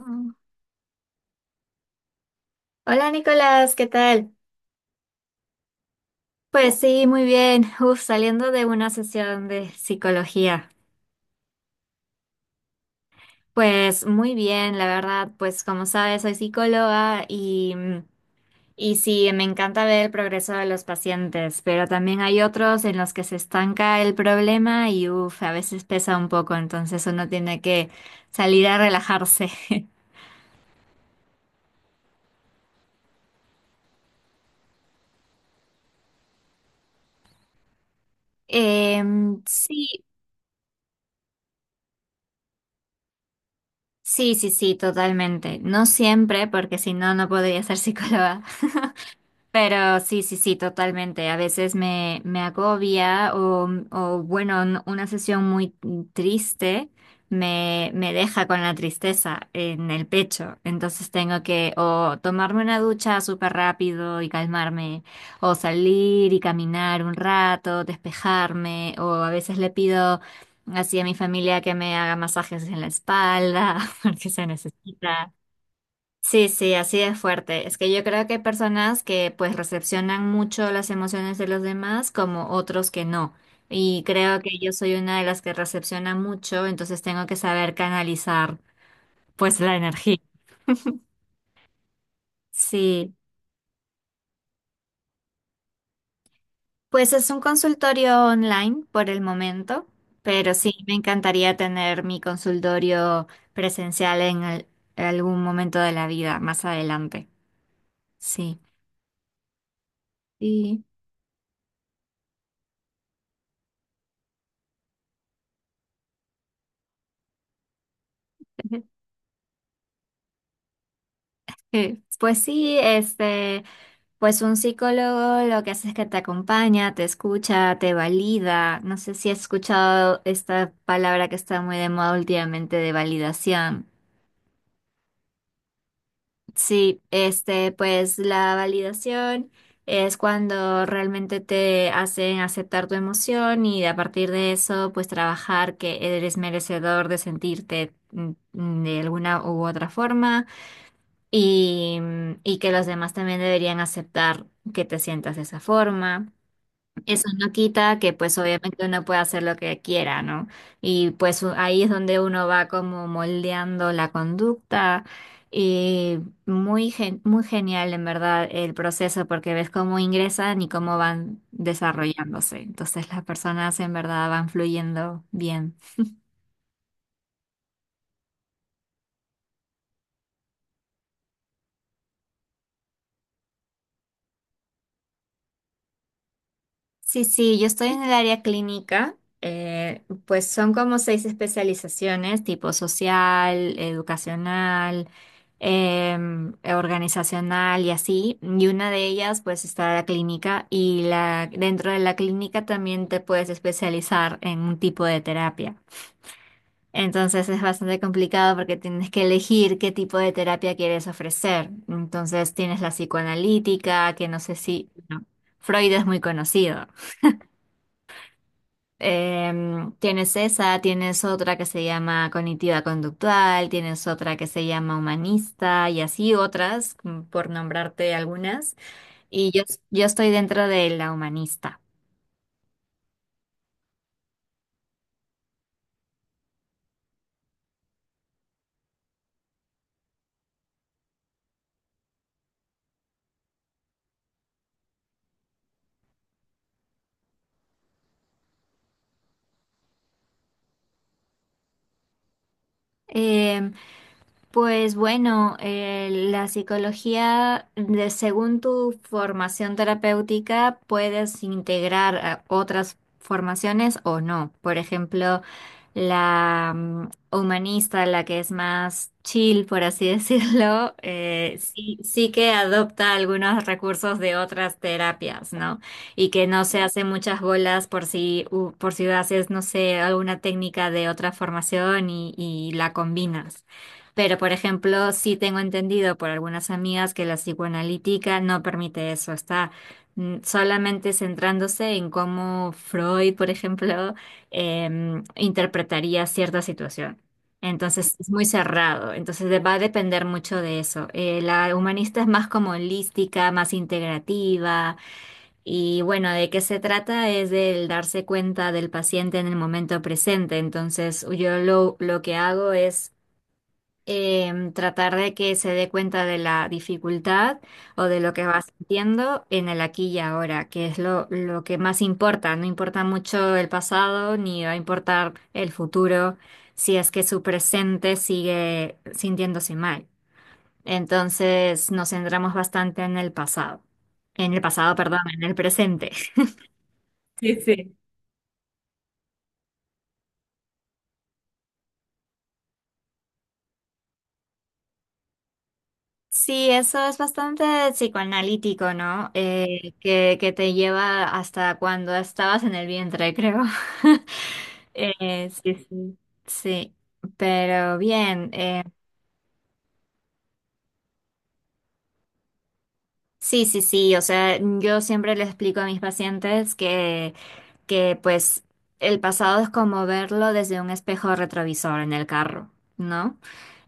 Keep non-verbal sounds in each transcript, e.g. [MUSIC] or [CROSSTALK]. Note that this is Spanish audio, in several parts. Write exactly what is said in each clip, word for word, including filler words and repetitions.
Mm. Hola Nicolás, ¿qué tal? Pues sí, muy bien. Uf, saliendo de una sesión de psicología. Pues muy bien, la verdad, pues como sabes, soy psicóloga y, mm, y sí, me encanta ver el progreso de los pacientes, pero también hay otros en los que se estanca el problema y uf, a veces pesa un poco, entonces uno tiene que salir a relajarse. [LAUGHS] Em, sí, sí, sí, sí, totalmente. No siempre, porque si no, no podría ser psicóloga. Pero sí, sí, sí, totalmente. A veces me, me agobia o, o, bueno, n- una sesión muy triste me, me deja con la tristeza en el pecho. Entonces tengo que o tomarme una ducha súper rápido y calmarme, o salir y caminar un rato, despejarme, o a veces le pido así a mi familia que me haga masajes en la espalda [LAUGHS] porque se necesita. Sí, sí, así de fuerte. Es que yo creo que hay personas que pues recepcionan mucho las emociones de los demás como otros que no. Y creo que yo soy una de las que recepciona mucho, entonces tengo que saber canalizar pues la energía. Sí, pues es un consultorio online por el momento, pero sí me encantaría tener mi consultorio presencial en al- algún momento de la vida más adelante. Sí. Y [LAUGHS] pues sí, este. Pues un psicólogo lo que hace es que te acompaña, te escucha, te valida. No sé si has escuchado esta palabra que está muy de moda últimamente de validación. Sí, este, pues la validación es cuando realmente te hacen aceptar tu emoción y a partir de eso, pues trabajar que eres merecedor de sentirte mm, mm, de alguna u otra forma y, y que los demás también deberían aceptar que te sientas de esa forma. Eso no quita que pues obviamente uno puede hacer lo que quiera, ¿no? Y pues u- ahí es donde uno va como moldeando la conducta y muy, gen- muy genial en verdad el proceso porque ves cómo ingresan y cómo van desarrollándose. Entonces las personas en verdad van fluyendo bien. Sí, sí, yo estoy en el área clínica, eh, pues son como seis especializaciones, tipo social, educacional, em, organizacional y así. Y una de ellas, pues, está la clínica y la, dentro de la clínica también te puedes especializar en un tipo de terapia. Entonces es bastante complicado porque tienes que elegir qué tipo de terapia quieres ofrecer. Entonces tienes la psicoanalítica, que no sé si, no, Freud es muy conocido. Em, tienes esa, tienes otra que se llama cognitiva conductual, tienes otra que se llama humanista y así otras, mm, por nombrarte algunas. Y yo, yo estoy dentro de la humanista. Em, Pues bueno, eh, la psicología, de- según tu formación terapéutica, puedes integrar a otras formaciones o no. Por ejemplo, la mm, humanista, la que es más chill, por así [LAUGHS] decirlo, eh, sí, sí que adopta algunos recursos de otras terapias, ¿no? Y que no se hace muchas bolas por si, u- por si haces, no sé, alguna técnica de otra formación y y la combinas. Pero, por ejemplo, sí tengo entendido por algunas amigas que la psicoanalítica no permite eso, está mm, solamente centrándose en cómo Freud, por ejemplo, [LAUGHS] em, interpretaría cierta situación. Entonces es muy cerrado, entonces de- va a depender mucho de eso. Eh, la humanista es más como holística, más integrativa y bueno, de qué se trata es del darse cuenta del paciente en el momento presente. Entonces yo lo, lo que hago es em, tratar de que se dé cuenta de la dificultad o de lo que va sintiendo en el aquí y ahora, que es lo, lo que más importa. No importa mucho el pasado ni va a importar el futuro si es que su presente sigue sintiéndose mal. Entonces nos centramos bastante en el pasado, en el pasado, perdón, en el presente. [LAUGHS] Sí, sí. Sí, eso es bastante psicoanalítico, ¿no? Eh, que, que te lleva hasta cuando estabas en el vientre, creo. [LAUGHS] Eh, sí, sí. Sí, pero bien. eh, sí, sí, sí. O sea, yo siempre le explico a mis pacientes que pues el pasado es como verlo desde un espejo retrovisor en el carro, ¿no?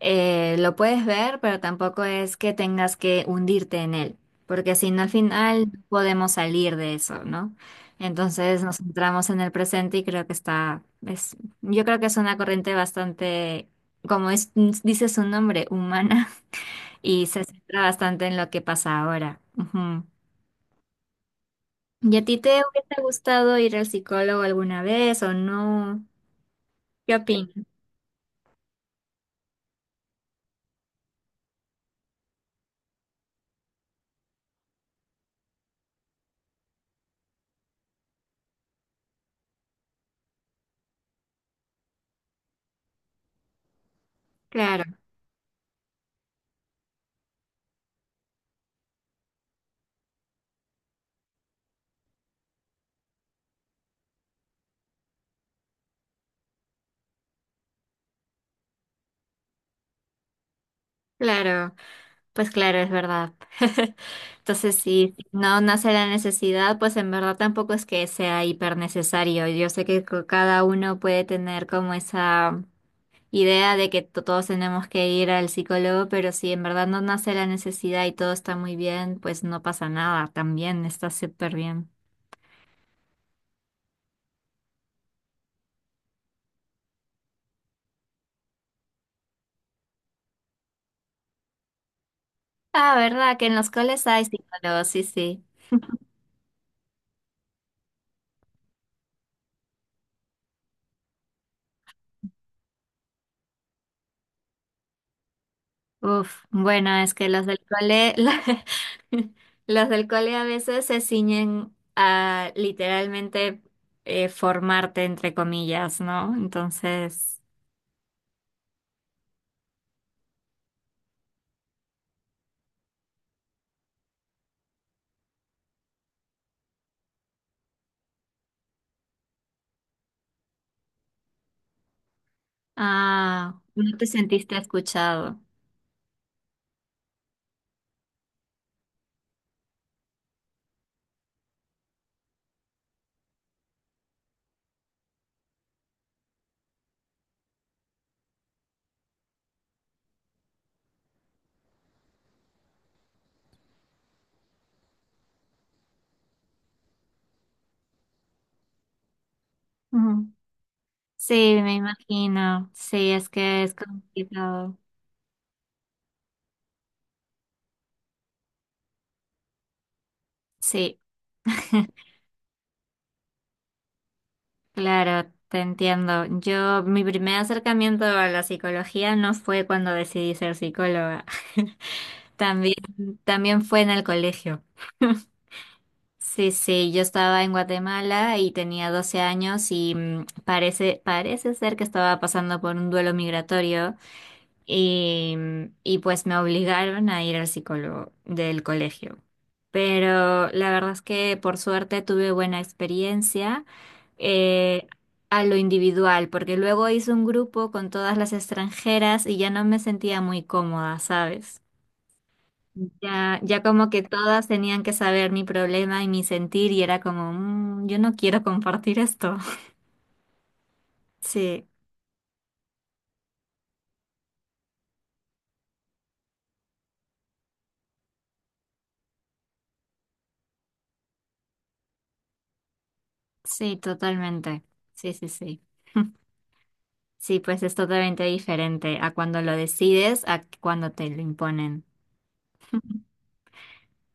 Eh, lo puedes ver, pero tampoco es que tengas que hundirte en él, porque si no al final no podemos salir de eso, ¿no? Entonces nos centramos en el presente y creo que está, es, yo creo que es una corriente bastante, como es, dice su nombre, humana, [LAUGHS] y se centra bastante en lo que pasa ahora. Ujú. ¿Y a ti te hubiese gustado ir al psicólogo alguna vez o no? ¿Qué opinas? Claro, claro, pues claro, es verdad. [LAUGHS] Entonces, si no nace la necesidad, pues en verdad tampoco es que sea hiper necesario. Yo sé que co- cada uno puede tener como esa idea de que to- todos tenemos que ir al psicólogo, pero si en verdad no nace la necesidad y todo está muy bien, pues no pasa nada, también está súper bien. Ah, ¿verdad? Que en los coles hay psicólogos, sí, sí. Uf, bueno, es que las del cole, [LAUGHS] la- las del cole a veces se ciñen a literalmente eh, formarte, entre comillas, ¿no? Entonces, ah, no te sentiste escuchado. Ujú. Sí, me imagino. Sí, es que es complicado. Sí, claro, te entiendo. Yo, mi primer acercamiento a la psicología no fue cuando decidí ser psicóloga. [LAUGHS] También, también fue en el colegio. Sí, sí, yo estaba en Guatemala y tenía doce años y mm, parece, parece ser que estaba pasando por un duelo migratorio y, mm, y pues me obligaron a ir al psicólogo del colegio. Pero la verdad es que por suerte tuve buena experiencia eh, a lo individual, porque luego hice un grupo con todas las extranjeras y ya no me sentía muy cómoda, ¿sabes? Ya, ya como que todas tenían que saber mi problema y mi sentir y era como, "Mm, yo no quiero compartir esto". [LAUGHS] Sí, sí, totalmente. Sí, sí, sí. [LAUGHS] Sí, pues es totalmente diferente a cuando lo decides, a cuando te lo imponen.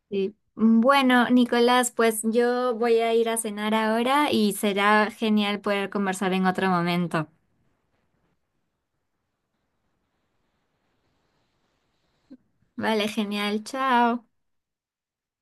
Sí. Bueno, Nicolás, pues yo voy a ir a cenar ahora y será genial poder conversar en otro momento. Vale, genial, chao.